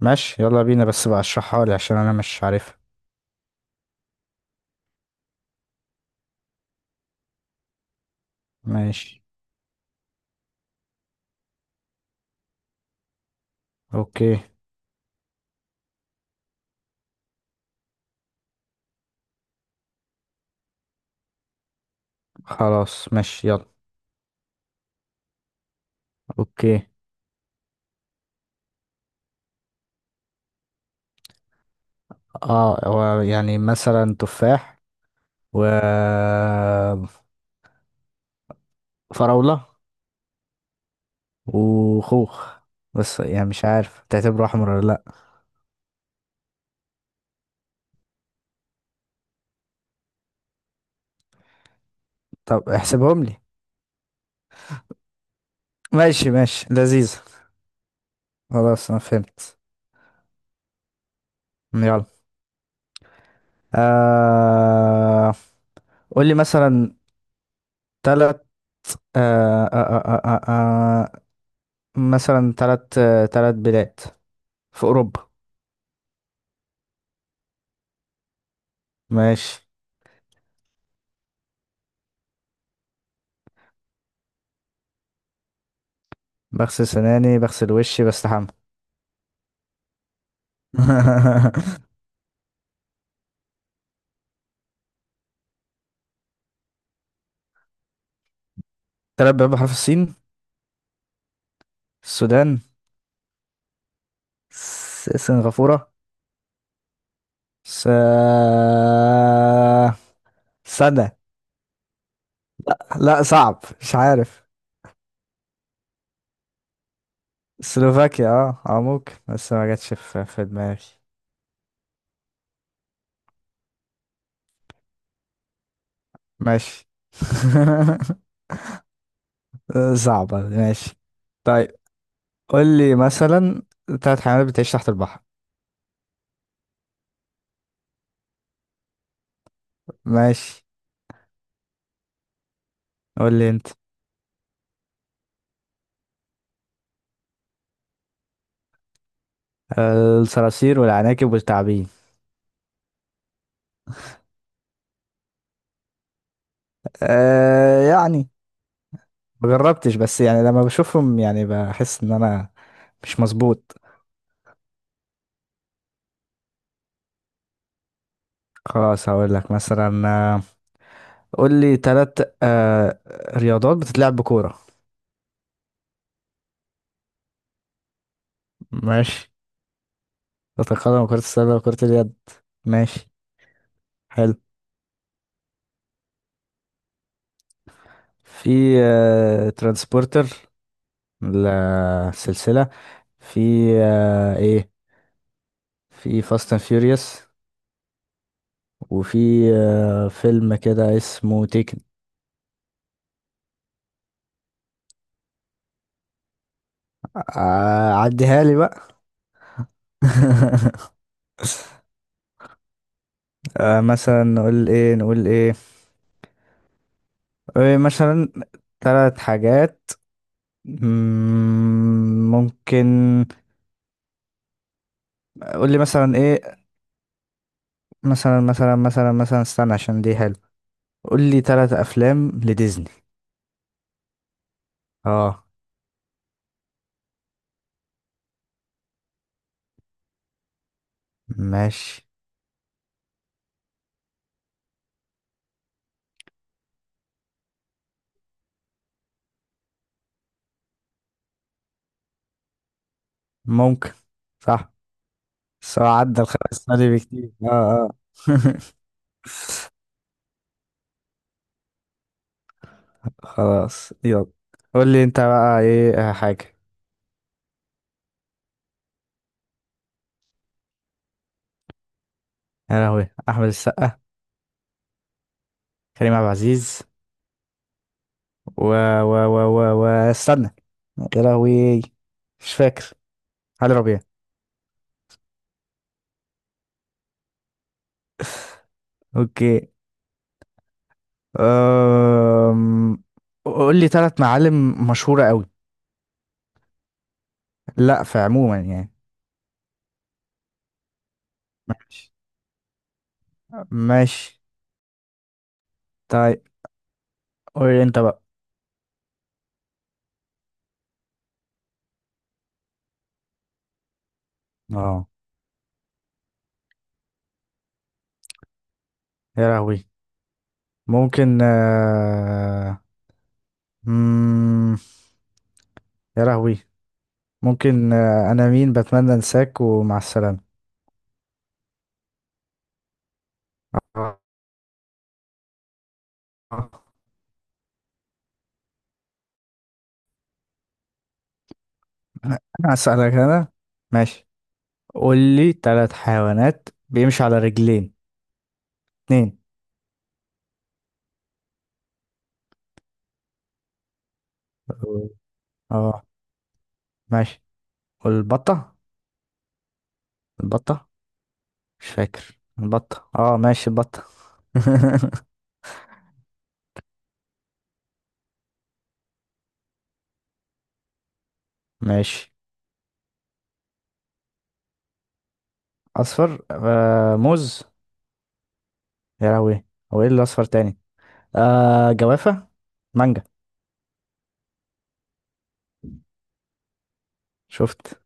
ماشي، يلا بينا. بس بقى اشرحها لي عشان انا مش عارفها. ماشي. اوكي. خلاص، ماشي يلا. اوكي. اه، هو يعني مثلا تفاح و فراولة وخوخ، بس يعني مش عارف تعتبره احمر ولا لا. طب احسبهم لي. ماشي ماشي، لذيذ. خلاص، انا فهمت. يلا. آه... قول لي مثلا تلات آه... آه... آه... آه... آه... آه، مثلا، تلات بلاد في اوروبا. ماشي. بغسل سناني، بغسل وشي، بستحمى. 3 بيبان بحرف السين. السودان. سنغافورة. س. سنة. لا لا، صعب، مش عارف. سلوفاكيا، اه اه، ممكن، بس ما جاتش في دماغي. ماشي. صعبة، ماشي. طيب قول لي مثلا 3 حيوانات بتعيش تحت البحر. ماشي. قول لي انت. الصراصير والعناكب والتعابين. يعني ما جربتش، بس يعني لما بشوفهم يعني بحس ان انا مش مظبوط. خلاص، هقول لك مثلا، قول لي 3 رياضات بتتلعب بكوره. ماشي. كرة القدم وكرة السلة وكرة اليد. ماشي حلو. في ترانسبورتر السلسلة. في ايه، في فاست اند فيوريوس. وفي فيلم كده اسمه تيكن. عديها لي بقى. مثلا نقول ايه, إيه مثلا، 3 حاجات. ممكن. قول لي مثلا ايه. مثلا استنى عشان دي حلو. قول لي 3 افلام لديزني. اه، ماشي، ممكن. صح، بس هو عدى الخمس ثواني بكتير. اه اه. خلاص يلا. قول لي انت بقى ايه، حاجة. يا لهوي، احمد السقا، كريم عبد العزيز، و و و و و استنى، يا لهوي، مش فاكر، علي ربيع. اوكي. أم... قول لي 3 معالم مشهورة قوي. لا، في عموما يعني. ماشي ماشي. طيب قول لي انت بقى. اه. يا لهوي، ممكن مم... يا لهوي، ممكن انا مين، بتمنى انساك، ومع السلامة. آه. انا هسألك انا. ماشي. قول لي 3 حيوانات بيمشي على رجلين. 2. اه، ماشي. والبطة. البطة، مش فاكر البطة. اه، ماشي البطة. ماشي. اصفر، موز. يا لهوي، هو ايه اللي اصفر تاني. جوافة، مانجا. شفت.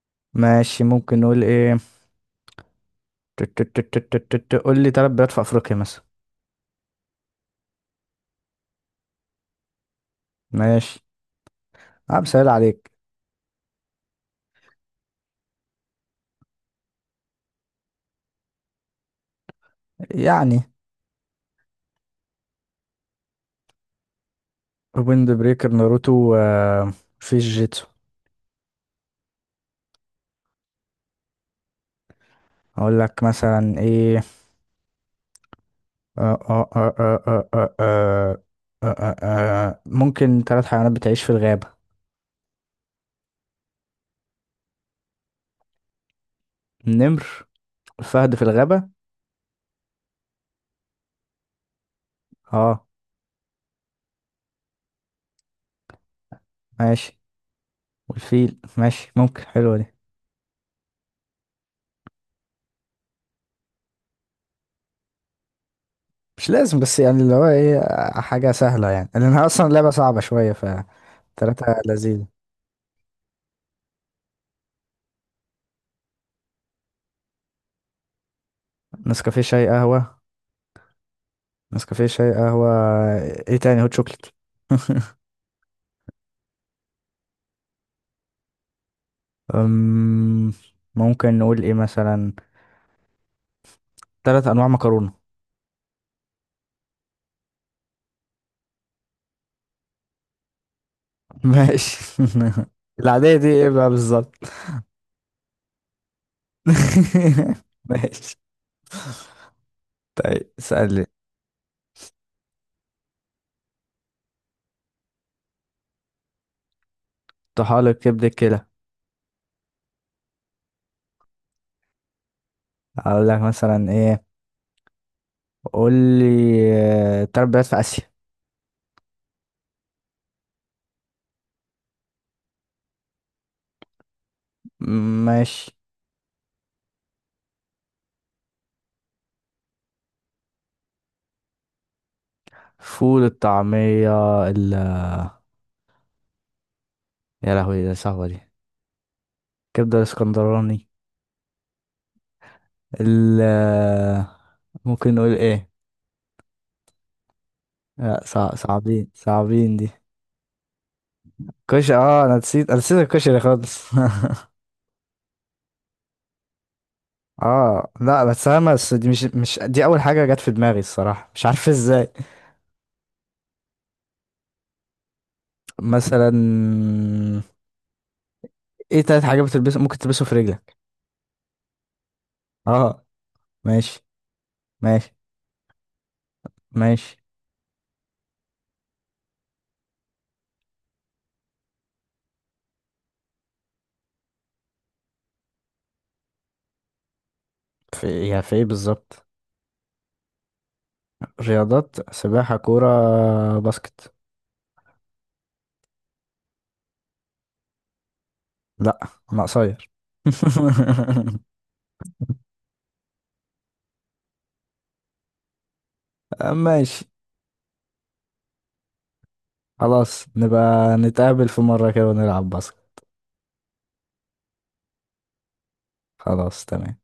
ماشي، ممكن نقول ايه. قول لي 3 بلاد في افريقيا مثلا. ماشي. انا بسهل عليك. يعني ويند بريكر، ناروتو، في جيتسو. اقول لك مثلا ايه. آه آه آه آه آه آه آه آه ممكن 3 حيوانات بتعيش في الغابة. النمر، الفهد في الغابة. اه، ماشي. والفيل، ماشي، ممكن، حلوة دي. مش لازم، بس يعني اللي هو ايه، حاجة سهلة يعني، لأنها أصلا لعبة صعبة شوية. ف 3 لذيذ. نسكافيه، شاي، قهوة. نسكافيه شاي قهوة ايه تاني، هوت شوكليت. أم، ممكن نقول ايه مثلا، 3 انواع مكرونة. ماشي. العادية دي ايه بقى بالظبط. ماشي. طيب اسألني. طحالب، كبد، الكلى. هقول لك مثلا ايه. قول لي تلات بلاد في آسيا. ماشي. فول، الطعمية، ال... يا لهوي، ده صعبة دي. كبدة الاسكندراني. ال آه، ممكن نقول ايه. لا صعبين صعبين دي. كشري. اه، انا نسيت الكشري خالص. اه، لا، بس انا، بس دي مش دي اول حاجة جت في دماغي الصراحة. مش عارف ازاي. مثلا، ايه 3 حاجات بتلبسه، ممكن تلبسه في رجلك. اه، ماشي، ماشي، ماشي. في، يا في ايه بالظبط. رياضات، سباحة، كورة، باسكت. لا. انا قصير. ماشي. خلاص نبقى نتقابل في مرة كده ونلعب باسكت. خلاص، تمام.